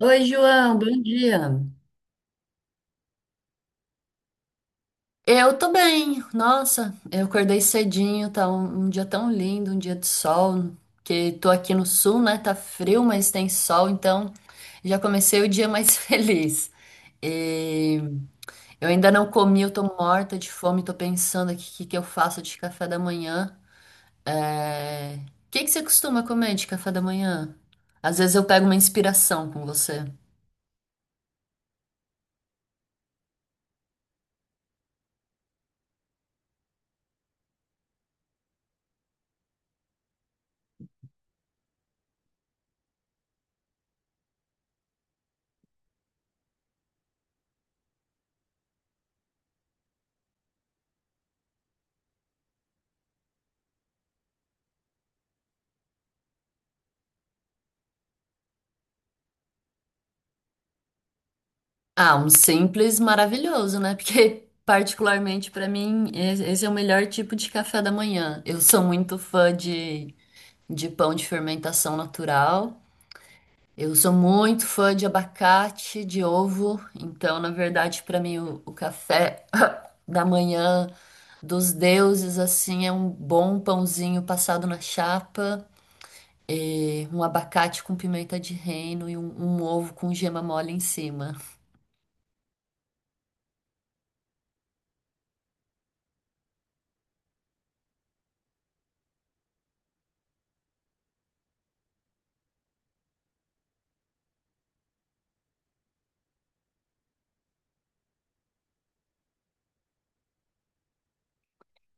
Oi, João, bom dia. Eu tô bem, nossa, eu acordei cedinho, tá um dia tão lindo, um dia de sol, que tô aqui no sul, né? Tá frio, mas tem sol, então já comecei o dia mais feliz. E eu ainda não comi, eu tô morta de fome, tô pensando aqui o que que eu faço de café da manhã. O que que você costuma comer de café da manhã? Às vezes eu pego uma inspiração com você. Ah, um simples maravilhoso, né? Porque, particularmente para mim, esse é o melhor tipo de café da manhã. Eu sou muito fã de pão de fermentação natural. Eu sou muito fã de abacate, de ovo. Então, na verdade, para mim, o café da manhã dos deuses, assim, é um bom pãozinho passado na chapa, e um abacate com pimenta de reino e um ovo com gema mole em cima.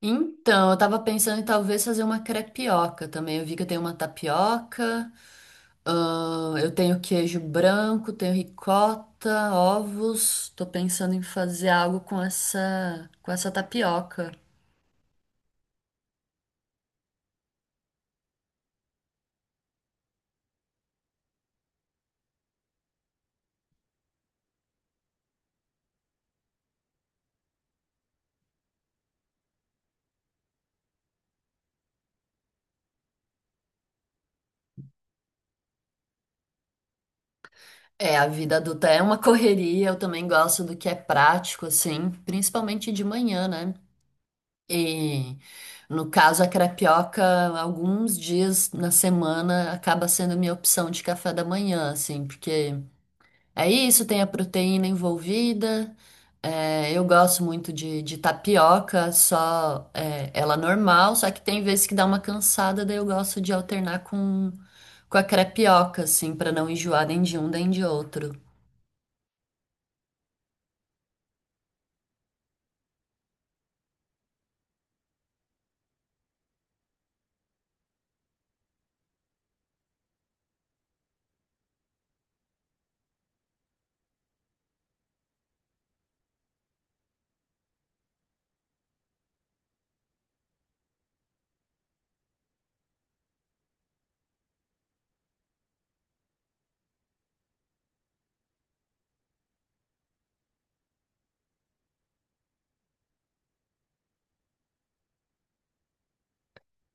Então, eu tava pensando em talvez fazer uma crepioca também. Eu vi que eu tenho uma tapioca, eu tenho queijo branco, tenho ricota, ovos. Tô pensando em fazer algo com com essa tapioca. É, a vida adulta é uma correria, eu também gosto do que é prático, assim, principalmente de manhã, né? E no caso, a crepioca, alguns dias na semana acaba sendo minha opção de café da manhã, assim, porque. É isso, tem a proteína envolvida. É, eu gosto muito de tapioca, só é, ela normal, só que tem vezes que dá uma cansada, daí eu gosto de alternar com a crepioca, assim, pra não enjoar nem de um nem de outro.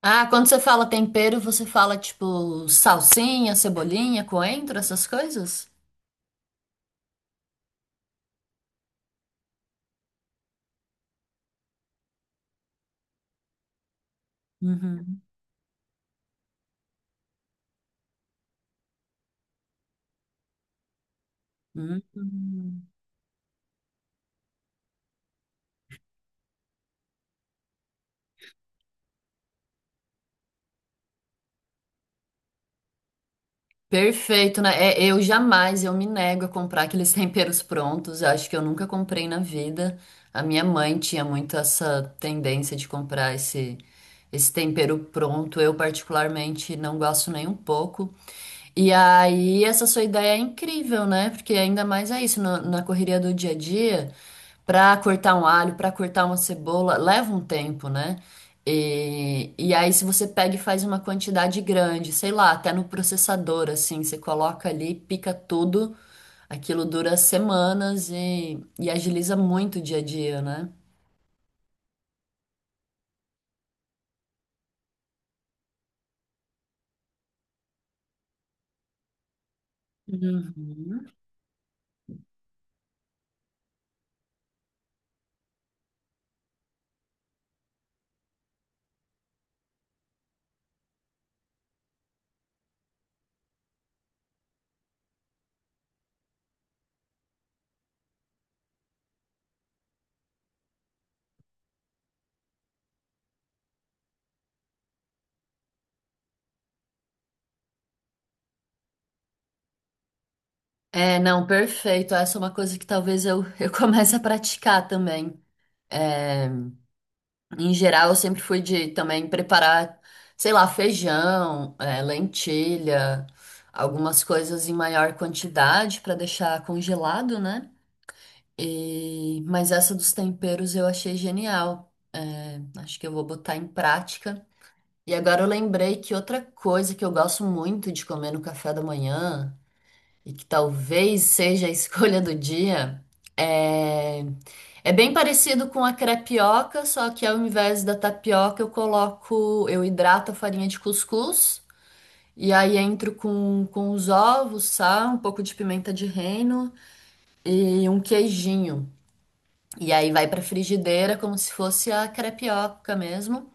Ah, quando você fala tempero, você fala tipo salsinha, cebolinha, coentro, essas coisas? Uhum. Hum. Perfeito, né? É, eu jamais, eu me nego a comprar aqueles temperos prontos. Eu acho que eu nunca comprei na vida. A minha mãe tinha muito essa tendência de comprar esse tempero pronto. Eu, particularmente, não gosto nem um pouco. E aí, essa sua ideia é incrível, né? Porque ainda mais é isso, na correria do dia a dia, para cortar um alho, para cortar uma cebola, leva um tempo, né? E aí, se você pega e faz uma quantidade grande, sei lá, até no processador, assim, você coloca ali, pica tudo, aquilo dura semanas e agiliza muito o dia a dia, né? Uhum. É, não, perfeito. Essa é uma coisa que talvez eu, eu comece a praticar também. É, em geral, eu sempre fui de também preparar, sei lá, feijão, lentilha, algumas coisas em maior quantidade para deixar congelado, né? E... Mas essa dos temperos eu achei genial. Acho que eu vou botar em prática. E agora eu lembrei que outra coisa que eu gosto muito de comer no café da manhã, e que talvez seja a escolha do dia, é, é bem parecido com a crepioca, só que ao invés da tapioca eu coloco, eu hidrato a farinha de cuscuz e aí entro com os ovos, sal, um pouco de pimenta de reino e um queijinho. E aí vai pra frigideira como se fosse a crepioca mesmo.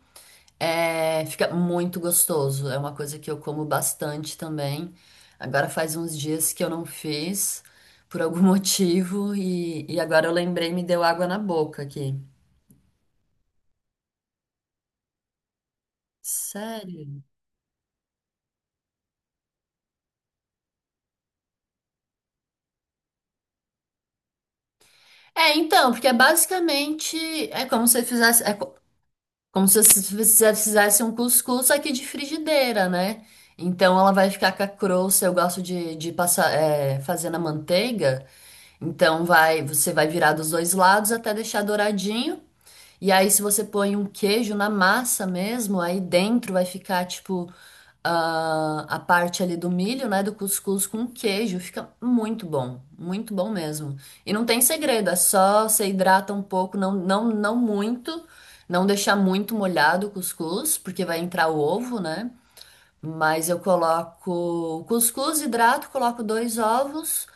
É, fica muito gostoso. É uma coisa que eu como bastante também. Agora faz uns dias que eu não fiz, por algum motivo, e agora eu lembrei, me deu água na boca aqui. Sério? É, então, porque é basicamente é como se fizesse, como se você fizesse um cuscuz aqui de frigideira, né? Então ela vai ficar com a crosta. Eu gosto de passar, é, fazer na manteiga. Então vai, você vai virar dos dois lados até deixar douradinho. E aí, se você põe um queijo na massa mesmo, aí dentro vai ficar, tipo, a parte ali do milho, né? Do cuscuz com queijo. Fica muito bom. Muito bom mesmo. E não tem segredo, é só você hidrata um pouco, não, não, não muito. Não deixar muito molhado o cuscuz, porque vai entrar o ovo, né? Mas eu coloco o cuscuz, hidrato, coloco dois ovos,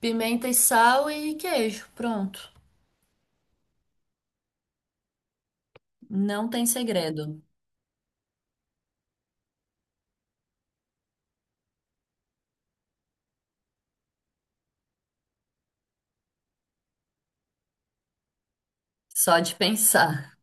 pimenta e sal e queijo. Pronto. Não tem segredo. Só de pensar.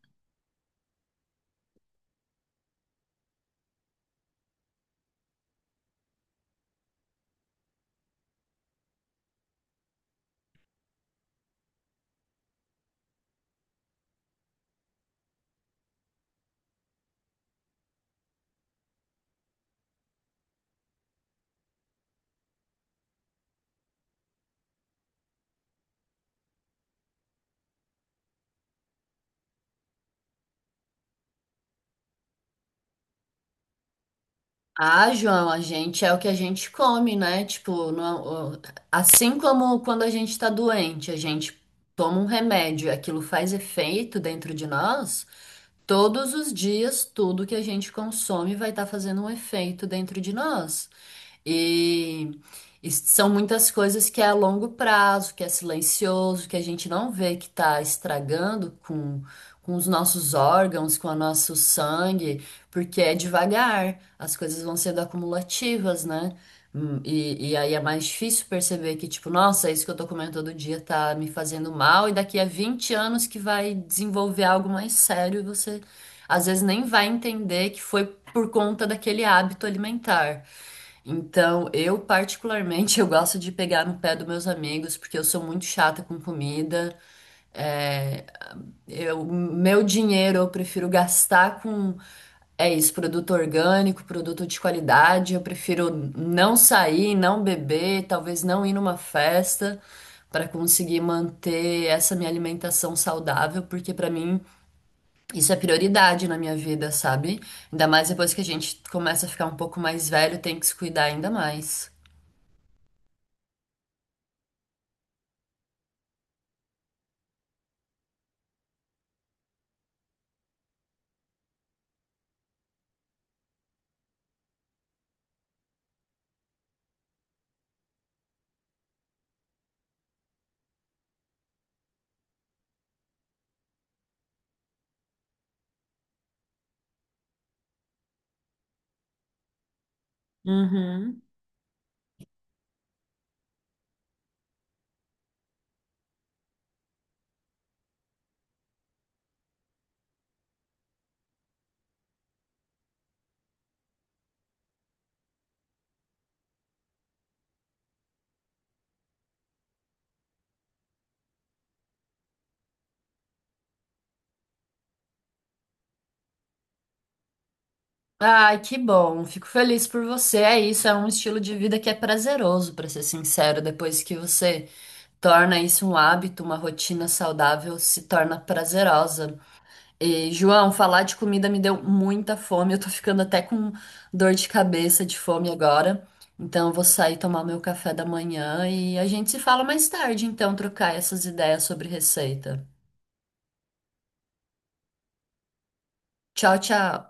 Ah, João, a gente é o que a gente come, né? Tipo, assim como quando a gente tá doente, a gente toma um remédio, e aquilo faz efeito dentro de nós. Todos os dias, tudo que a gente consome vai estar fazendo um efeito dentro de nós. E, e são muitas coisas que é a longo prazo, que é silencioso, que a gente não vê que está estragando com os nossos órgãos, com o nosso sangue, porque é devagar, as coisas vão sendo acumulativas, né? Hum. E aí é mais difícil perceber que, tipo, nossa, isso que eu tô comendo todo dia tá me fazendo mal, e daqui a 20 anos que vai desenvolver algo mais sério, e você às vezes nem vai entender que foi por conta daquele hábito alimentar. Então, eu particularmente eu gosto de pegar no pé dos meus amigos porque eu sou muito chata com comida. Eu, meu dinheiro eu prefiro gastar com é isso, produto orgânico, produto de qualidade. Eu prefiro não sair, não beber, talvez não ir numa festa para conseguir manter essa minha alimentação saudável, porque para mim isso é prioridade na minha vida, sabe? Ainda mais depois que a gente começa a ficar um pouco mais velho, tem que se cuidar ainda mais. Uhum. Ai, que bom. Fico feliz por você. É isso, é um estilo de vida que é prazeroso, para ser sincero. Depois que você torna isso um hábito, uma rotina saudável, se torna prazerosa. E, João, falar de comida me deu muita fome. Eu tô ficando até com dor de cabeça de fome agora. Então, eu vou sair tomar meu café da manhã e a gente se fala mais tarde, então, trocar essas ideias sobre receita. Tchau, tchau.